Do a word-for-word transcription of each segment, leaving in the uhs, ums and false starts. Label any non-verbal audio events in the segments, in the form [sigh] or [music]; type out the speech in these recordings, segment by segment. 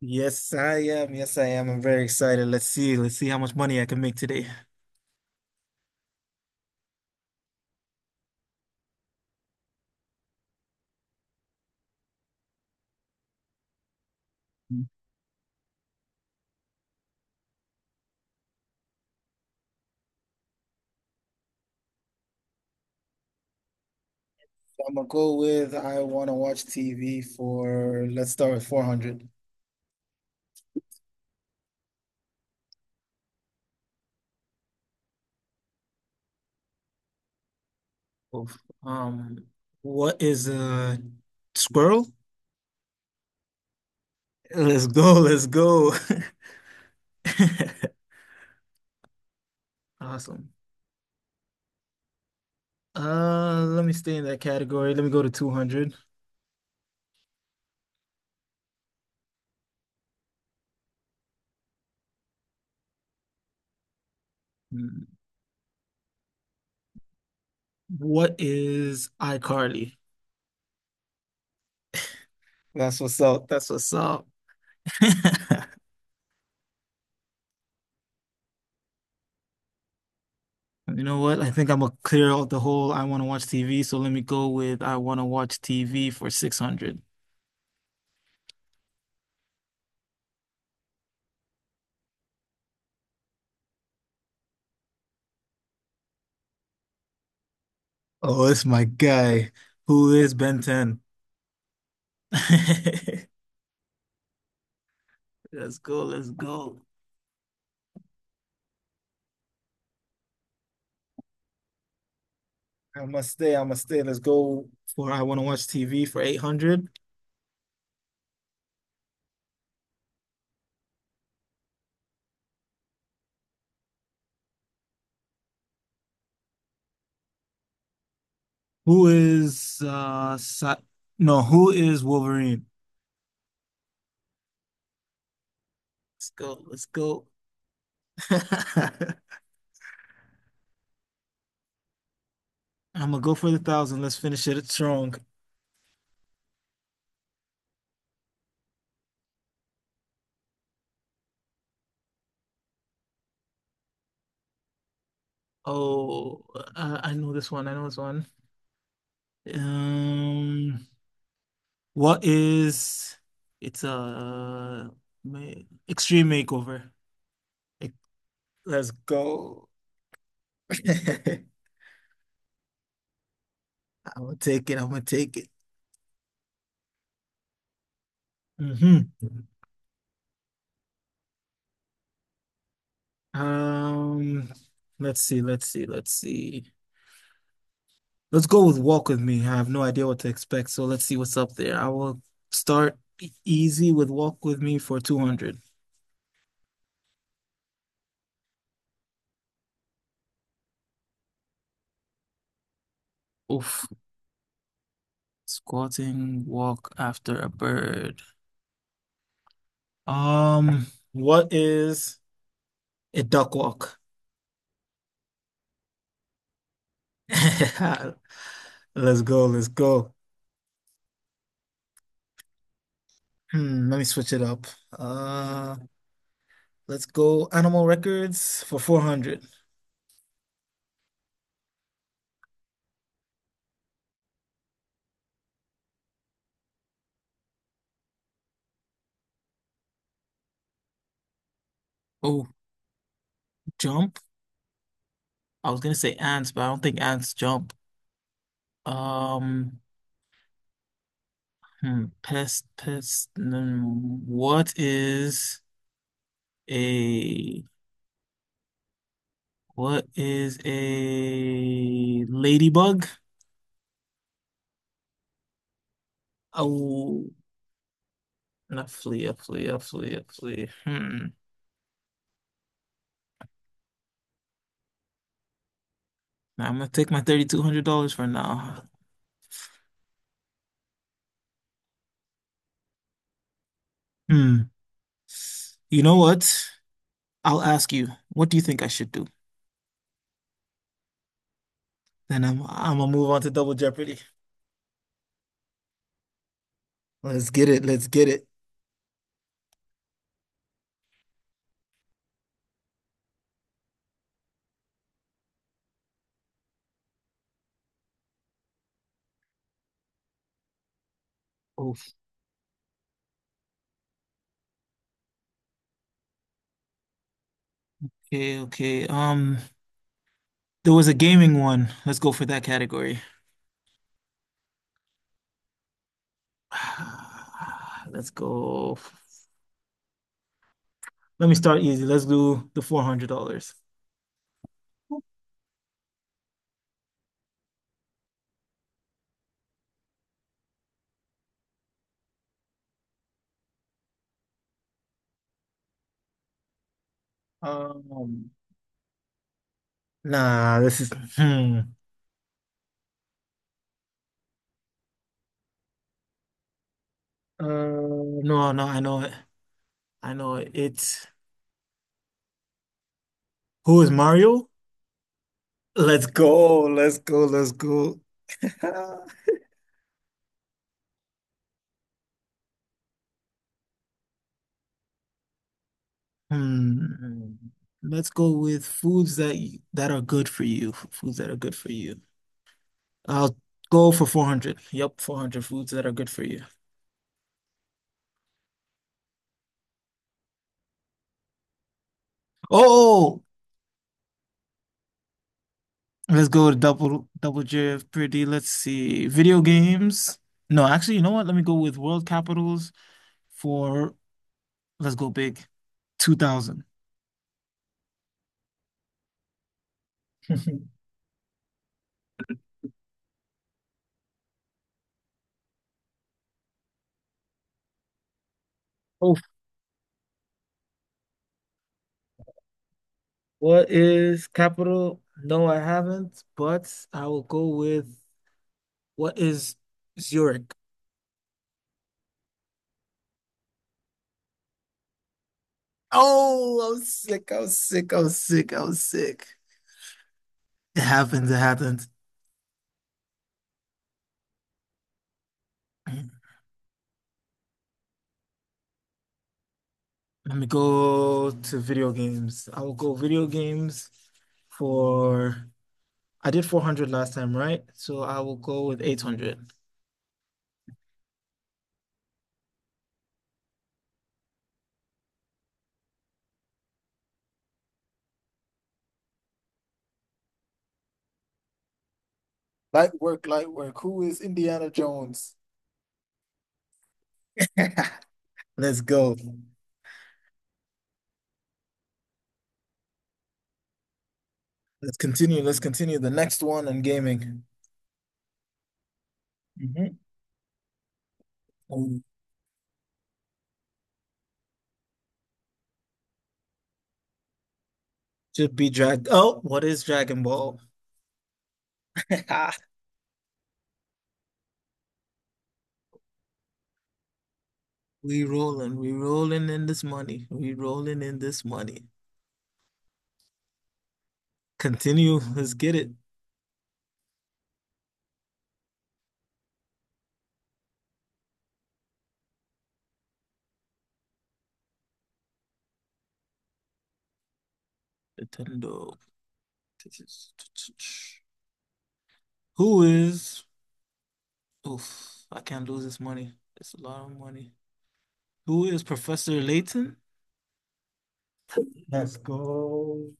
Yes, I am. Yes, I am. I'm very excited. Let's see. Let's see how much money I can make today. Mm. I'm gonna go with I want to watch T V for let's start with four hundred. Oof. Um, what is a squirrel? Let's go. Let's go. [laughs] Awesome. Uh, let me stay in that category. Let me go to two hundred. Hmm. What is iCarly? That's what's up. That's what's up. [laughs] You know what? I think I'm gonna clear out the whole I want to watch T V, so let me go with I want to watch T V for six hundred. Oh, it's my guy. Who is Ben ten? [laughs] Let's go, let's go. I must stay, I must stay. Let's go for I want to watch T V for eight hundred. Who is uh Sa no, who is Wolverine? Let's go, let's go. [laughs] I'm gonna go for the thousand. Let's finish it strong. Oh, I, I know this one. I know this one. Um, What is it's a uh, ma- extreme makeover? Ex- Let's go. [laughs] I'm gonna take it. I'm gonna take it. Hmm. Um, let's see. Let's see. Let's see. Let's go with Walk With Me. I have no idea what to expect, so let's see what's up there. I will start e- easy with Walk With Me for two hundred. Oof. Squatting, walk after a bird. Um, what is a duck walk? [laughs] Let's go, let's go. Hmm, let me switch it up. Uh, let's go Animal Records for four hundred. Oh, jump. I was gonna say ants, but I don't think ants jump. Um, hmm, pest, pest. mm, What is a what is a ladybug? Oh, not flea, a flea, a flea, a flea. Hmm. Now I'm gonna take my thirty-two hundred dollars for now. Hmm. You know what? I'll ask you, what do you think I should do? Then I'm I'm gonna move on to Double Jeopardy. Let's get it. Let's get it. Okay, okay. Um, there was a gaming one. Let's go for that category. [sighs] Let's go. Let me start easy. Let's do the four hundred dollars. Um, nah, this is hmm. Uh, no, no, I know it. I know it. It's who is Mario? Let's go. Let's go. Let's go. [laughs] Hmm. Let's go with foods that y- that are good for you. f- Foods that are good for you. I'll go for four hundred. Yep, four hundred foods that are good for you. Oh, let's go to double double J F pretty. Let's see. Video games. No, actually, you know what? Let me go with world capitals for let's go big. two thousand. [laughs] What is capital? No, I haven't, but I will go with what is Zurich? Oh, I'm sick. I'm sick. I'm sick. I'm sick. It happens. It happens. [clears throat] Let me go to video games. I will go video games for I did four hundred last time, right? So I will go with eight hundred. Light work, light work. Who is Indiana Jones? [laughs] Let's go. Let's continue. Let's continue the next one on gaming. Mhm. Um, Should be drag. Oh, what is Dragon Ball? [laughs] We rolling, we rolling in this money. We rolling in this money. Continue. Let's get it. Nintendo. Who is? Oof, I can't lose this money. It's a lot of money. Who is Professor Layton? Let's go.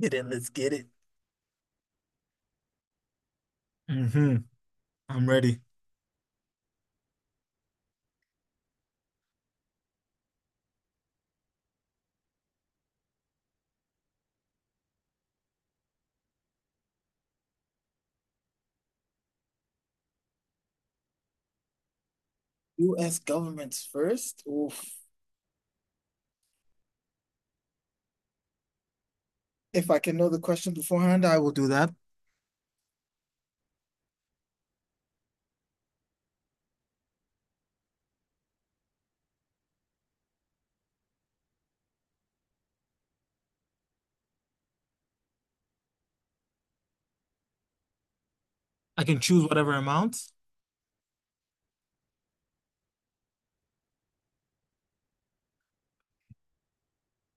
Get in, let's get it. Hmm. I'm ready. U S governments first. Oof. If I can know the question beforehand, I will do that. I can choose whatever amount.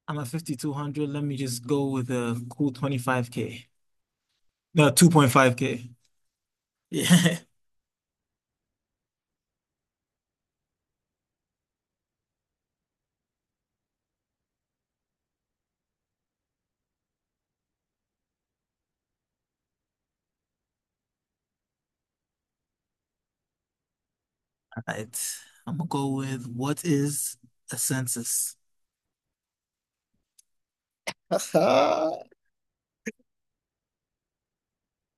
I'm at fifty-two hundred. Let me just go with a cool twenty-five k. No, two point five k. Yeah. [laughs] All right. I'm gonna go with what is a census? [laughs] Aha,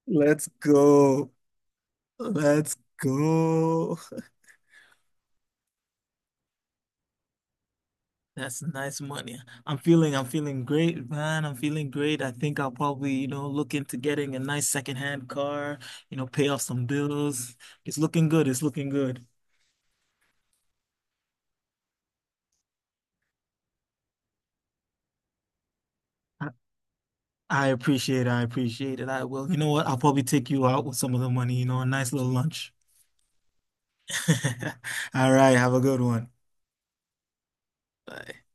let's go. Let's go. That's nice money. I'm feeling I'm feeling great, man. I'm feeling great. I think I'll probably, you know, look into getting a nice secondhand car, you know, pay off some bills. It's looking good. It's looking good. I, I appreciate it. I appreciate it. I will. You know what? I'll probably take you out with some of the money, you know, a nice little lunch. [laughs] All right, have a good one. Bye.